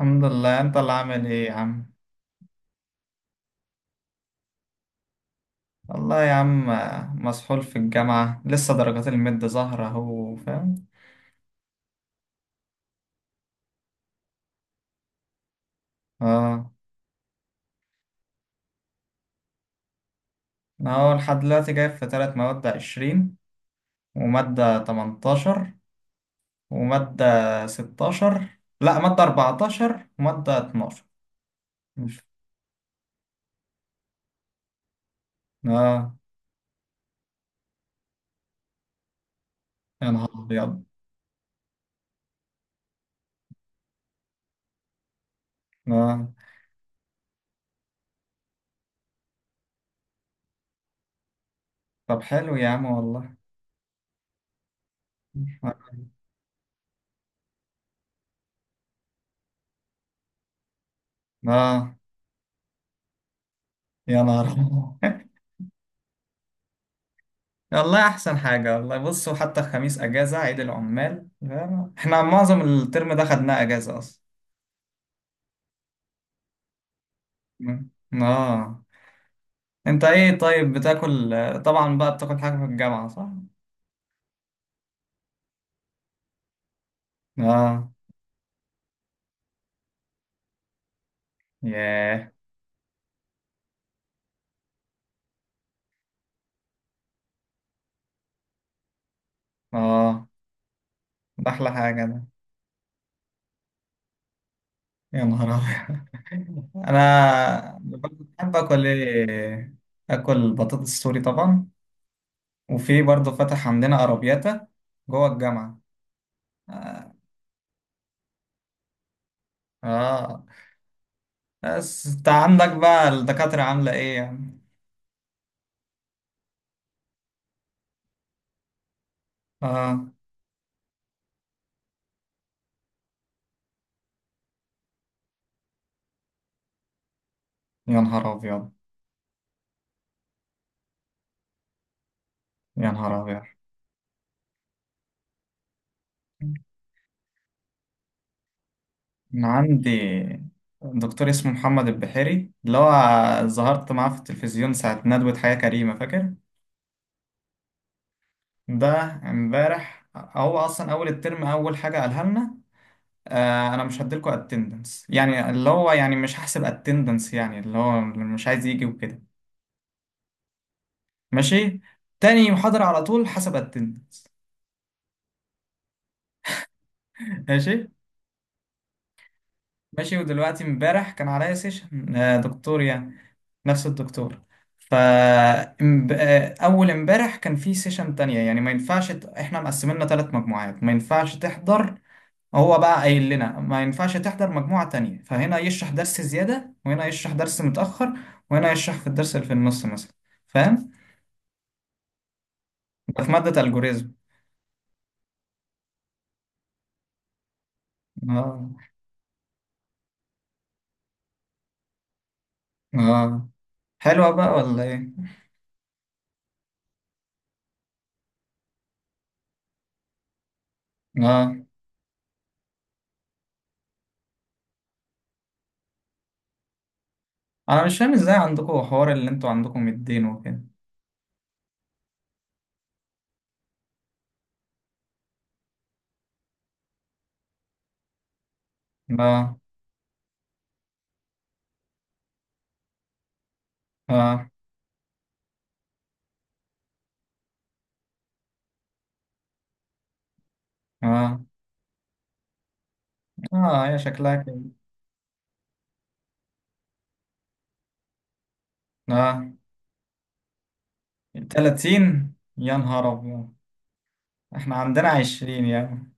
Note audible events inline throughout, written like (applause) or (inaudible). الحمد لله، انت اللي عامل ايه يا عم؟ والله يا عم، مسحول في الجامعة، لسه درجات المد ظاهرة اهو، فاهم؟ اه. انا هو لحد دلوقتي جايب في تلات مواد عشرين، ومادة تمنتاشر، ومادة ستاشر، لا مادة أربعتاشر، ومادة اتناشر. مش- اه. يا نهار أبيض. اه. طب حلو يا عم والله. اه. يا نهار أبيض. والله احسن حاجه والله. بصوا، حتى الخميس اجازه عيد العمال فاهم؟ احنا معظم الترم ده خدناه اجازه اصلا. مم. اه. انت ايه طيب، بتاكل؟ طبعا بقى بتاكل حاجه في الجامعه صح؟ اه. ياه. اه. ده احلى حاجه ده. يا نهار ابيض. (laughs) انا بحب اكل ايه؟ اكل بطاطس سوري طبعا. وفي برضه فتح عندنا ارابياتا جوه الجامعه. اه. آه. بس انت عندك بقى الدكاترة عاملة ايه يعني؟ آه. يا نهار أبيض. يا نهار أبيض. أنا عندي دكتور اسمه محمد البحيري، اللي هو ظهرت معاه في التلفزيون ساعة ندوة حياة كريمة، فاكر؟ ده امبارح هو أصلا أول الترم أول حاجة قالها لنا: أنا مش هديلكوا اتندنس، يعني اللي هو يعني مش هحسب اتندنس، يعني اللي هو مش عايز يجي وكده. ماشي؟ تاني محاضرة على طول حسب اتندنس. ماشي؟ ماشي. ودلوقتي امبارح كان عليا سيشن دكتور، يعني نفس الدكتور. فأول امبارح كان في سيشن تانية، يعني ما ينفعش احنا مقسميننا ثلاث مجموعات، ما ينفعش تحضر. هو بقى قايل لنا ما ينفعش تحضر مجموعة تانية، فهنا يشرح درس زيادة، وهنا يشرح درس متأخر، وهنا يشرح في الدرس اللي في النص مثلا. فاهم؟ ده في مادة الجوريزم. اه. اه. حلوة بقى ولا ايه؟ اه. انا مش فاهم ازاي عندكم حوار، اللي انتوا عندكم الدين وكده. اه. اه. اه. اه. هي شكلها كده. اه. 30؟ يا نهار أبيض. إحنا عندنا 20 يعني.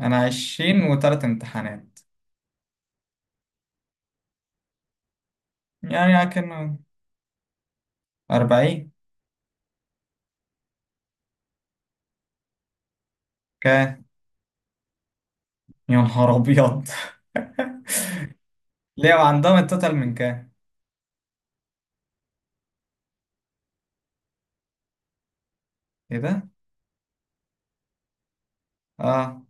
أنا 20 وتلات امتحانات يعني، لكن 40؟ كام؟ يا نهار أبيض. (laughs) ليه، وعندهم التوتال من كام؟ إيه ده؟ آه.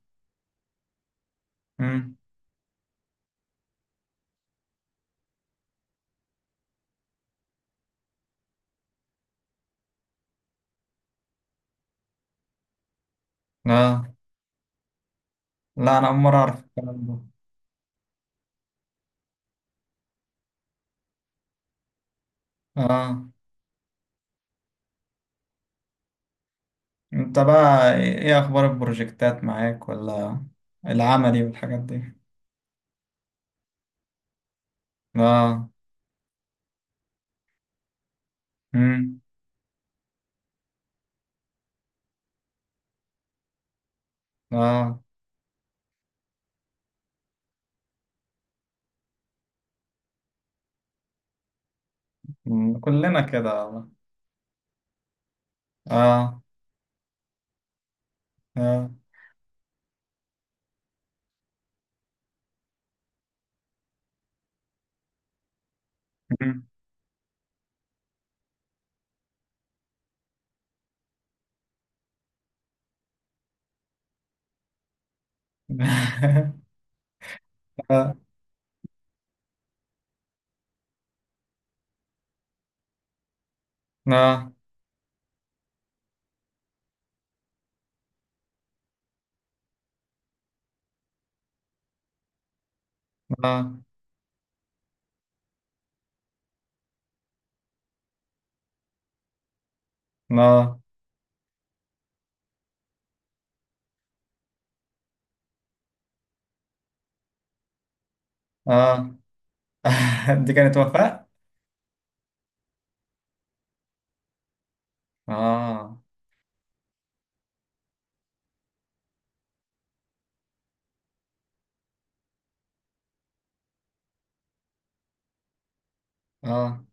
مم. آه. لا، أنا أول مرة أعرف الكلام ده. آه. أنت بقى إيه أخبار البروجكتات معاك، ولا العملي والحاجات دي؟ آه. مم. آه. مم. كلنا كده والله. آه. آه. (laughs) آه. آه. آه. آه. آه. (laughs) دي كانت وفاء؟ آه. آه.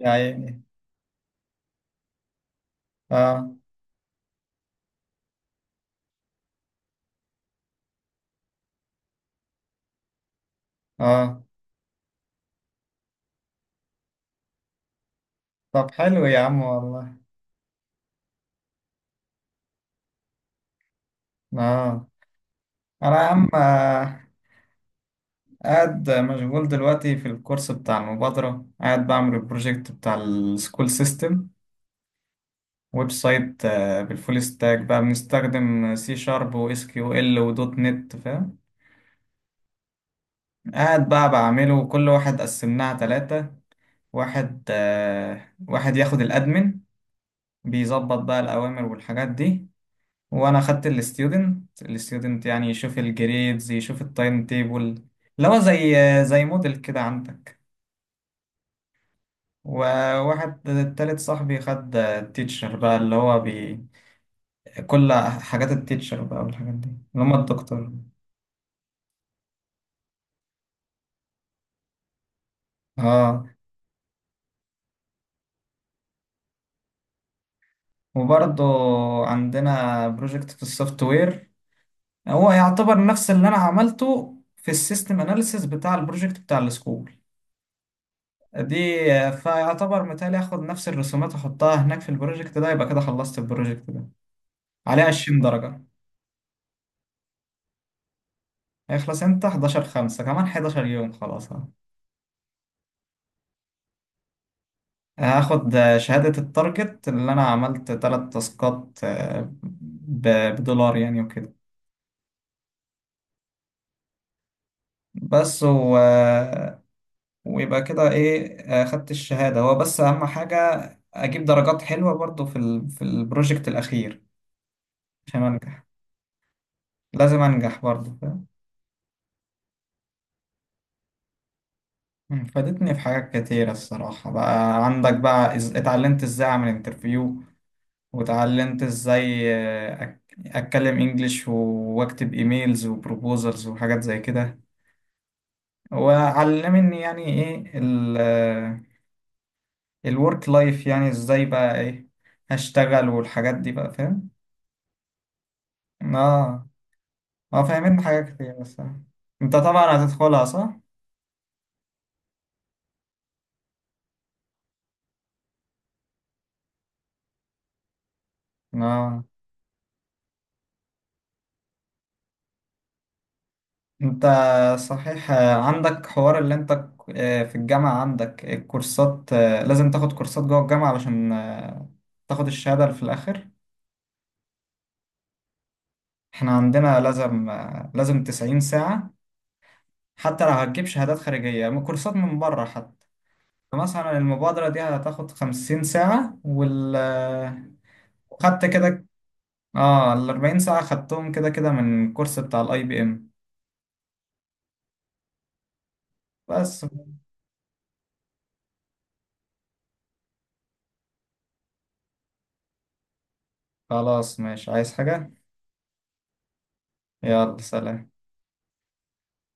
يا عيني. آه. آه. طب حلو يا عم والله. آه. أنا يا عم، قاعد مشغول دلوقتي في الكورس بتاع المبادرة، قاعد بعمل البروجكت بتاع السكول سيستم، ويب سايت، بالفول ستاك بقى، بنستخدم سي شارب واس كيو ال ودوت نت، فاهم؟ قاعد بقى بعمله، وكل واحد قسمناها تلاتة. واحد ياخد الادمن، بيظبط بقى الاوامر والحاجات دي. وانا خدت الستودنت، يعني يشوف الجريدز، يشوف التايم تيبل. اللي هو زي موديل كده عندك. وواحد تالت صاحبي خد التيتشر بقى، اللي هو بي كل حاجات التيتشر بقى، والحاجات دي، اللي هم الدكتور. اه. وبرضه عندنا بروجكت في السوفت وير، هو يعتبر نفس اللي انا عملته في السيستم اناليسيس بتاع البروجكت بتاع السكول دي. فيعتبر متهيألي اخد نفس الرسومات احطها هناك في البروجكت ده، يبقى كده خلصت البروجكت ده. عليه 20 درجة. هيخلص امتى؟ 11 5، كمان 11 يوم خلاص أهو. هاخد شهادة التارجت اللي انا عملت تلات تاسكات، بدولار يعني وكده. بس و... ويبقى كده ايه، خدت الشهادة هو بس اهم حاجة. اجيب درجات حلوة برضو في البروجكت الاخير، عشان انجح. لازم انجح برضو. فادتني في حاجات كتيرة الصراحة، بقى عندك بقى اتعلمت ازاي اعمل انترفيو. واتعلمت ازاي اتكلم انجليش واكتب ايميلز وبروبوزلز وحاجات زي كده. وعلمني يعني ايه ال... آه، الورك لايف، يعني ازاي بقى ايه هشتغل والحاجات دي بقى، فاهم؟ اه. اه فاهمين حاجات كتير الصراحة. انت طبعا هتدخلها صح؟ اه. انت صحيح عندك حوار اللي انت في الجامعة عندك الكورسات، لازم تاخد كورسات جوه الجامعة علشان تاخد الشهادة اللي في الآخر. احنا عندنا لازم 90 ساعة، حتى لو هتجيب شهادات خارجية من كورسات من بره حتى. فمثلا المبادرة دي هتاخد 50 ساعة، وال آه، خدت كده. اه ال 40 ساعة خدتهم كده كده من الكورس بتاع الاي بي ام. بس. خلاص ماشي، عايز حاجة؟ يلا سلام.